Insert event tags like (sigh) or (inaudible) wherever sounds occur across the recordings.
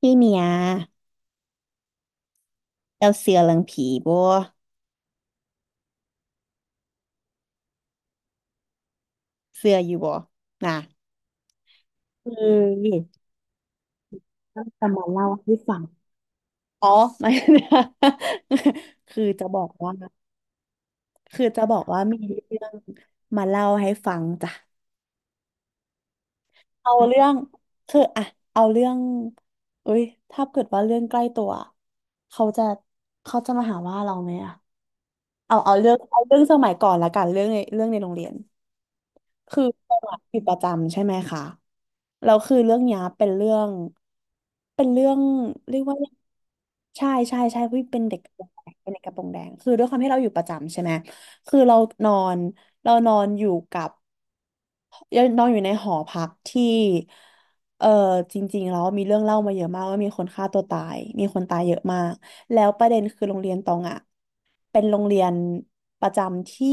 พี่เมียเราเสือเรื่องผีบ่เสืออยู่บ่น่ะเออก็จะมาเล่าให้ฟังอ๋อ (laughs) ไม่ (laughs) คือจะบอกว่าคือจะบอกว่ามีเรื่องมาเล่าให้ฟังจ้ะเอาเรื่องคืออ่ะเอาเรื่องเอ้ยถ้าเกิดว่าเรื่องใกล้ตัวเขาจะเขาจะมาหาว่าเราไหมอ่ะเอาเอาเรื่องเอาเรื่องสมัยก่อนละกันเรื่องในโรงเรียน คือปรงวัติอยู่ประจำใช่ไหมคะแล้วคือเรื่องเนี้ยเป็นเรื่องเป็นเรื่องเรียกว่าใช่ใช่ใช่พี่เป็นเด็กกระโปรงแดงเป็นเด็กกระโปรงแดงคือด้วยความที่เราอยู่ประจำใช่ไหมคือเรานอนเรานอนอยู่กับ ยงนอนอยู่ในหอพักที่เออจริงๆแล้วมีเรื่องเล่ามาเยอะมากว่ามีคนฆ่าตัวตายมีคนตายเยอะมากแล้วประเด็นคือโรงเรียนตองอ่ะเป็นโรงเรียนประจำที่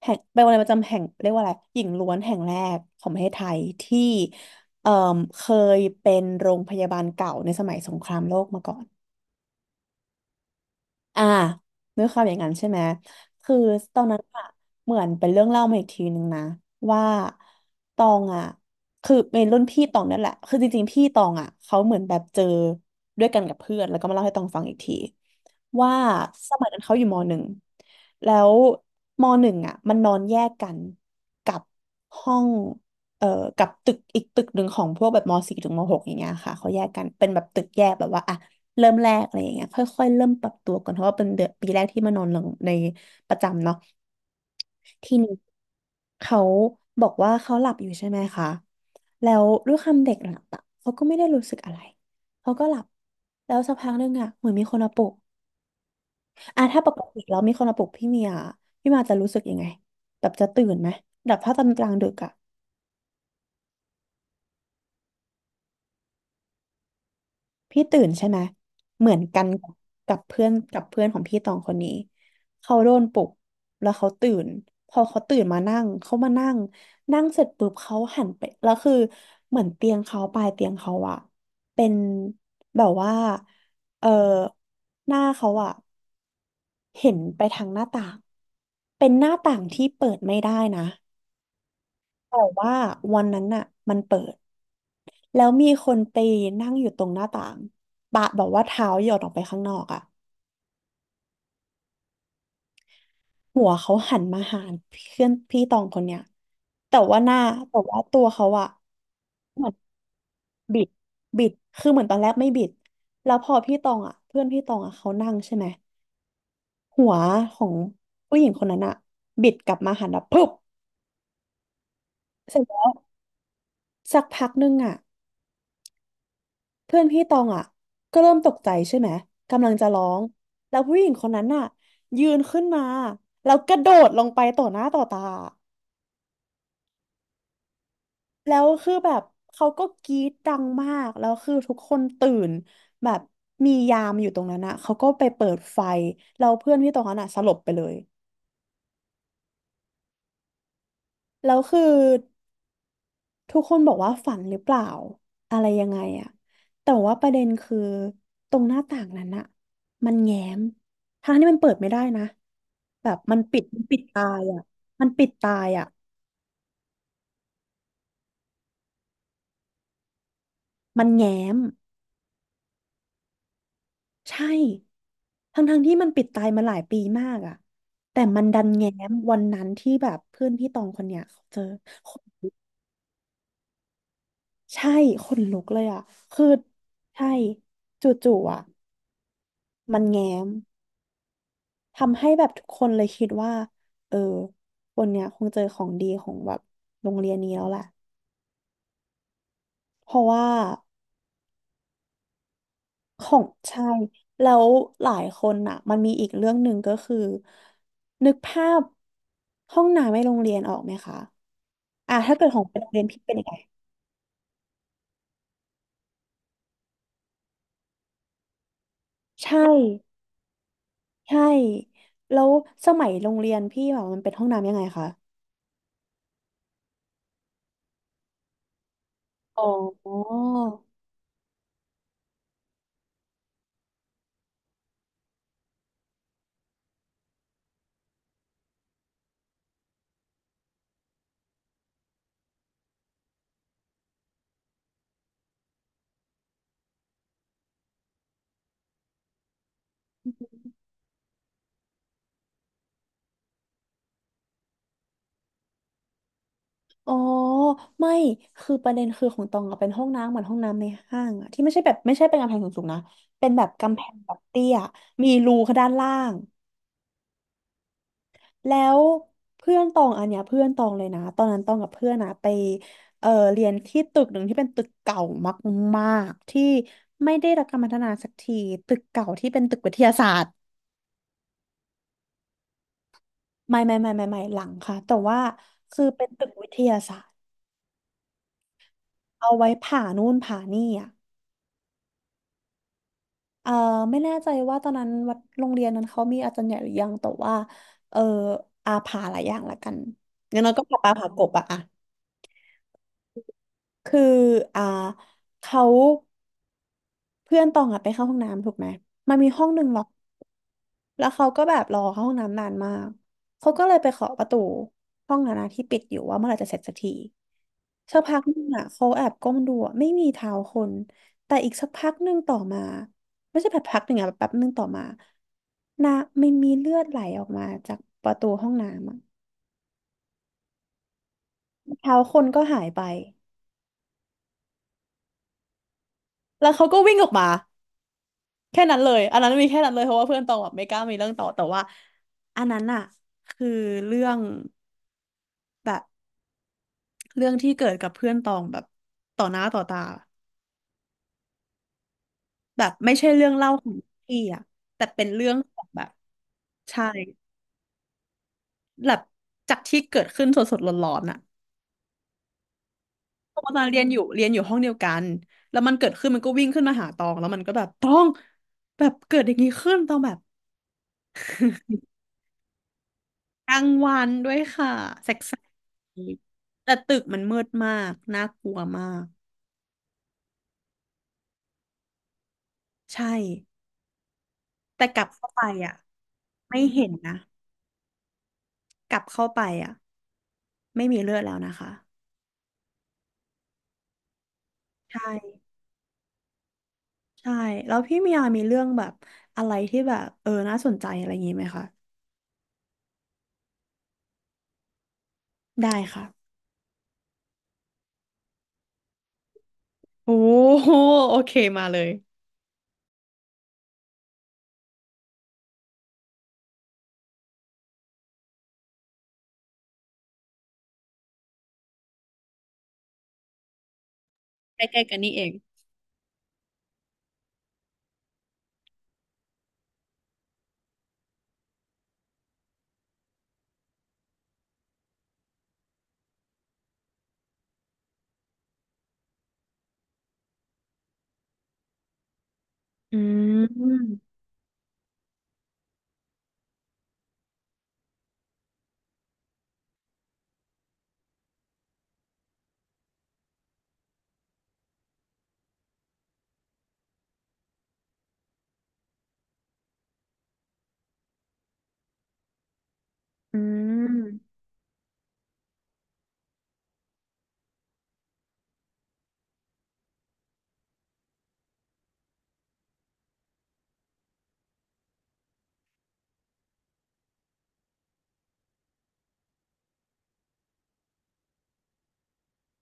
แห่งเป็นโรงเรียนประจำแห่งเรียกว่าอะไรหญิงล้วนแห่งแรกของประเทศไทยที่เอ่อเคยเป็นโรงพยาบาลเก่าในสมัยสงครามโลกมาก่อน อ่าด้วยความอย่างนั้นใช่ไหมคือตอนนั้นอะเหมือนเป็นเรื่องเล่ามาอีกทีนึงนะว่าตองอะคือเป็นรุ่นพี่ตองนั่นแหละคือจริงๆพี่ตองอะเขาเหมือนแบบเจอด้วยกันกับเพื่อนแล้วก็มาเล่าให้ตองฟังอีกทีว่าสมัยนั้นเขาอยู่มหนึ่งแล้วมหนึ่งอะมันนอนแยกกันกับห้องเอ่อกับตึกอีกตึกหนึ่งของพวกแบบมสี่ถึงมหกอย่างเงี้ยค่ะเขาแยกกันเป็นแบบตึกแยกแบบว่าอ่ะ เริ่มแรกอะไรอย่างเงี้ยค่อยๆเริ่มปรับตัวก่อนเพราะว่าเป็นเดือนปีแรกที่มานอนหลังในประจำเนาะทีนี้เขาบอกว่าเขาหลับอยู่ใช่ไหมคะแล้วด้วยความเด็กหลับอะเขาก็ไม่ได้รู้สึกอะไรเขาก็หลับแล้วสักพักหนึงอะเหมือนมีคนมาปลุกอ่ะถ้าปกติแล้วมีคนมาปลุกพี่เมียพี่มาจะรู้สึกยังไงแบบจะตื่นไหมแบบถ้าตอนกลางดึกอะ พี่ตื่นใช่ไหม เหมือนกันกับเพื่อนของพี่ตองคนนี้ เขาโดนปลุกแล้วเขาตื่น พอเขาตื่นมานั่งเขามานั่งนั่งเสร็จปุ๊บเขาหันไปแล้วคือเหมือนเตียงเขาปลายเตียงเขาอะเป็นแบบว่าเออหน้าเขาอะเห็นไปทางหน้าต่างเป็นหน้าต่างที่เปิดไม่ได้นะ แต่ว่าวันนั้นน่ะมันเปิดแล้วมีคนไปนั่งอยู่ตรงหน้าต่างปะแบอกว่าเท้าหยดออกไปข้างนอกอ่ะหัวเขาหันมาหาเพื่อนพี่ตองคนเนี้ยแต่ว่าหน้าแต่ว่าตัวเขาอ่ะเหมือนบิดบิดคือเหมือนตอนแรกไม่บิดแล้วพอพี่ตองอ่ะเพื่อนพี่ตองอ่ะเขานั่งใช่ไหมหัวของผู้หญิงคนนั้นอ่ะบิดกลับมาหันแบบปุ๊บเสร็จแล้วสักพักนึงอ่ะ เพื่อนพี่ตองอ่ะก็เริ่มตกใจใช่ไหมกำลังจะร้องแล้วผู้หญิงคนนั้นน่ะยืนขึ้นมาแล้วกระโดดลงไปต่อหน้าต่อตาแล้วคือแบบเขาก็กรี๊ดดังมากแล้วคือทุกคนตื่นแบบมียามอยู่ตรงนั้นอ่ะเขาก็ไปเปิดไฟแล้วเพื่อนพี่ตองนั้นอ่ะสลบไปเลยแล้วคือ ทุกคนบอกว่าฝันหรือเปล่าอะไรยังไงอะแต่ว่าประเด็นคือตรงหน้าต่างนั้นอะมันแง้มทั้งที่มันเปิดไม่ได้นะแบบมันปิดมันปิดตายอะมันปิดตายอะมันแง้มใช่ทั้งที่มันปิดตายมาหลายปีมากอะแต่มันดันแง้มวันนั้นที่แบบเพื่อนพี่ตองคนเนี้ยเขาเจอใช่ขนลุกเลยอะคือใช่จู่ๆอะมันแง้ม ทำให้แบบทุกคนเลยคิดว่าเออคนเนี้ยคงเจอของดีของแบบโรงเรียนนี้แล้วแหละเพราะว่าของใช่ แล้วหลายคนอ่ะมันมีอีกเรื่องหนึ่งก็คือนึกภาพห้องน้ำในโรงเรียนออกไหมคะอ่ะถ้าเกิดของเป็นโรงเรียนพี่เป็นยังไงใช่ใช่แล้วสมัยโรงเรียนพี่แบบมันเป็นห้องน้ำยังไงคะอ๋อ อ๋อไม่คือประเด็นคือของตองอะเป็นห้องน้ำเหมือนห้องน้ำในห้างอะที่ไม่ใช่แบบไม่ใช่เป็นกำแพงสูงๆนะเป็นแบบกำแพงแบบเตี้ยมีรูข้างด้านล่างแล้วเพื่อนตองอันเนี้ยเพื่อนตองเลยนะตอนนั้นตองกับเพื่อนอะไปเรียนที่ตึกหนึ่งที่เป็นตึกเก่ามากๆที่ไม่ได้รับการพัฒนาสักทีตึกเก่าที่เป็นตึกวิทยาศาสตร์ไม่หลังค่ะแต่ว่าคือเป็นตึกวิทยาศาสตร์เอาไว้ผ่านู่นผ่านี่อะ เออไม่แน่ใจว่าตอนนั้นวัดโรงเรียนนั้นเขามีอาจารย์ใหญ่หรือยัง แต่ว่าเอออาผาหลายอย่างละกันงั้นเราก็ปลาผากบอะอะคืออ่าเขา เพื่อนตองอะไปเข้าห้องน้ำถูกไหมมันมีห้องหนึ่งล็อกแล้วเขาก็แบบรอเข้าห้องน้ำนานมาก เขาก็เลยไปเคาะประตูห้องนั้นอะที่ปิดอยู่ว่าเมื่อไหร่จะเสร็จสักทีสักพักหนึงอะเขาแอบก้มดูอะไม่มีเท้าคนแต่อีกสักพักหนึ่งต่อมาไม่ใช่แบบพักหนึ่งอะแบบแป๊บหนึ่งต่อมานะมันมีเลือดไหลออกมาจากประตูห้องน้ำอะเท้าคนก็หายไป แล้วเขาก็วิ่งออกมา แค่นั้นเลยอันนั้นมีแค่นั้นเลยเพราะว่าเพื่อนตองแบบไม่กล้ามีเรื่องต่อ แต่ว่าอันนั้นอะคือเรื่องแบบเรื่องที่เกิดกับเพื่อนตองแบบต่อหน้าต่อตาแบบไม่ใช่เรื่องเล่าของพี่อะแต่เป็นเรื่องของแบบใช่แบบจากที่เกิดขึ้นสดๆร้อนๆอะตอนนั้นเรียนอยู่เรียนอยู่ห้องเดียวกันแล้วมันเกิดขึ้นมันก็วิ่งขึ้นมาหาตองแล้วมันก็แบบตองแบบเกิดอย่างนี้ขึ้นตองแบบ กลางวันด้วยค่ะแสกๆแต่ตึกมันมืดมากน่ากลัวมากใช่แต่กลับเข้าไปอ่ะไม่เห็นนะกลับเข้าไปอ่ะไม่มีเลือดแล้วนะคะใช่ใช่แล้วพี่มียามีเรื่องแบบอะไรที่แบบน่าสนใจอะไรอย่างงี้ไหมคะได้ค่ะโอ้โหโอเคมาเลยใกล้ๆกันนี่เองอืมอืม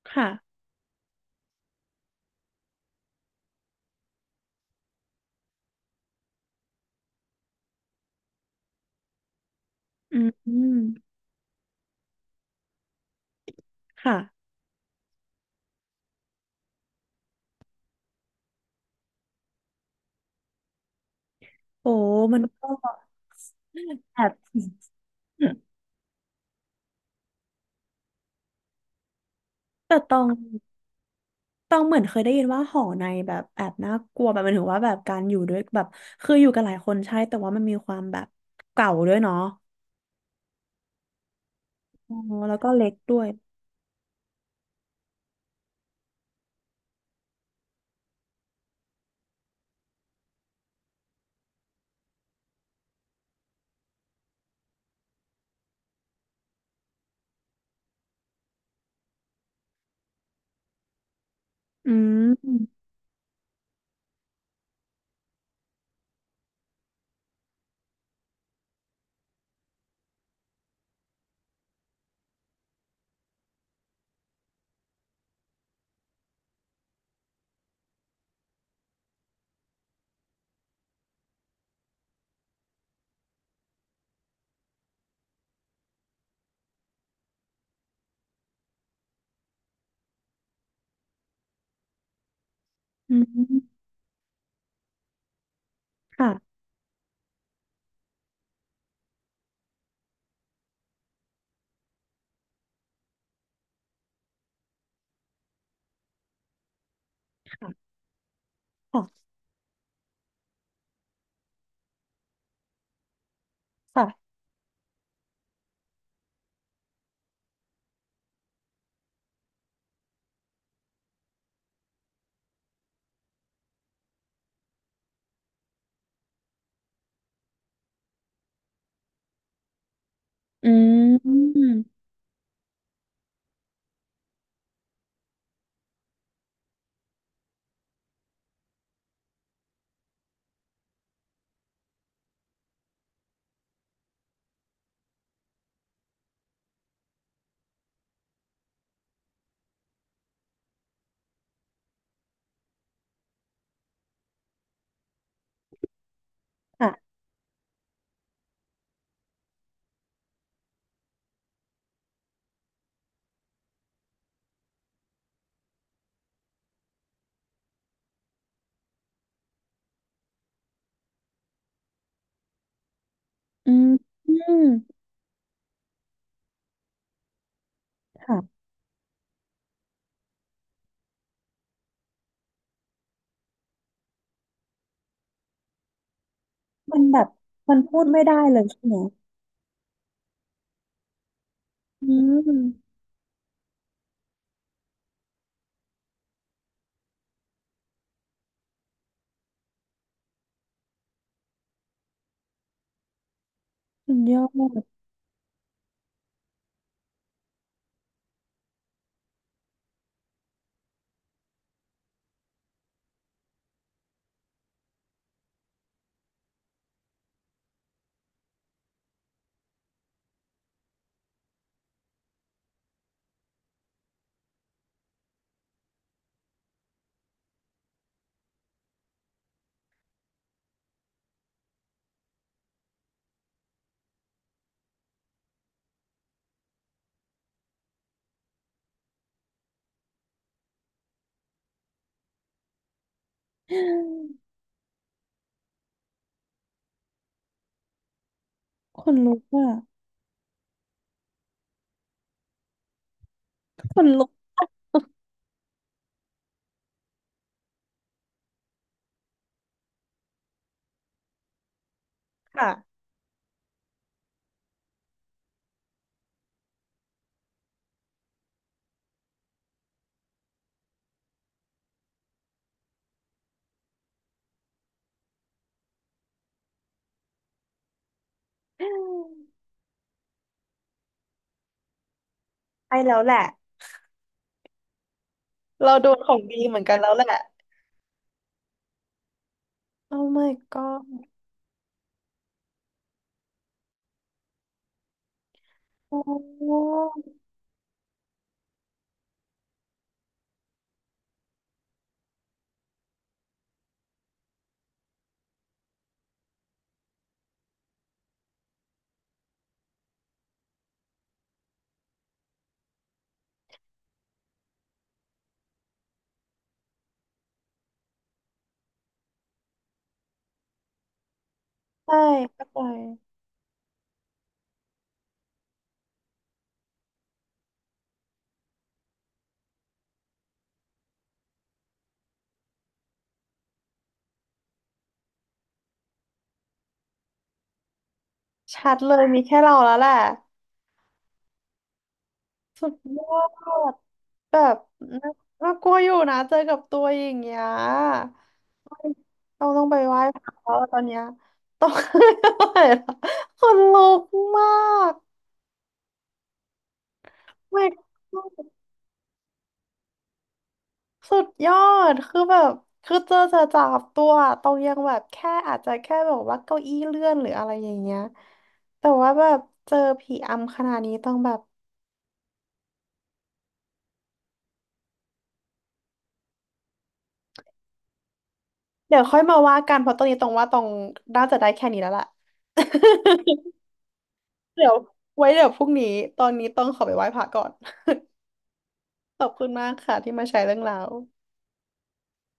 ค่ะอืมค่ะโอ้มันก็แบบ แต่ตองเหมือนเคยได้ยินว่าหอในแบบแอบน่ากลัวแบบหมันถึงว่าแบบการอยู่ด้วยแบบคืออยู่กันหลายคนใช่แต่ว่ามันมีความแบบเก่าด้วยเนาะอ๋อแล้วก็เล็กด้วยอืมอืมค่ะค่ะค่ะค่ะอืมค่ะอืมอืมค่ะมันแบบมันพูดไม่ได้เลยใช่ไหมอืมสุดยอด (gasps) คนลุกอ่ะคนลุกค่ะใช่แล้วแหละเราโดนของดีเหมือนกันแล้วแหละ โอ้ my god โอ้ใช่เข้าใจชัดเลยมีแค่เราแล้วแหละ สุดยอดแบบน่าน่ากลัวอยู่นะเจอกับตัวอย่างเงี้ยเราต้องไปไหว้พระแล้วตอนเนี้ยต้อง (laughs) อะไรล่ะคนลุกมาก Oh my god สุดยอดคือแบบ คือเจอจะจับตัวตรงยังแบบแค่อาจจะแค่แบบว่าเก้าอี้เลื่อนหรืออะไรอย่างเงี้ยแต่ว่าแบบเจอผีอำขนาดนี้ต้องแบบเดี๋ยวค่อยมาว่ากันเพราะตอนนี้ตรงว่าตรงน่าจะได้แค่นี้แล้วล่ะ (laughs) เดี๋ยวไว้เดี๋ยวพรุ่งนี้ตอนนี้ต้องขอไปไหว้พระก่อนขอบคุณมากค่ะที่มาแชร์เรื่องราว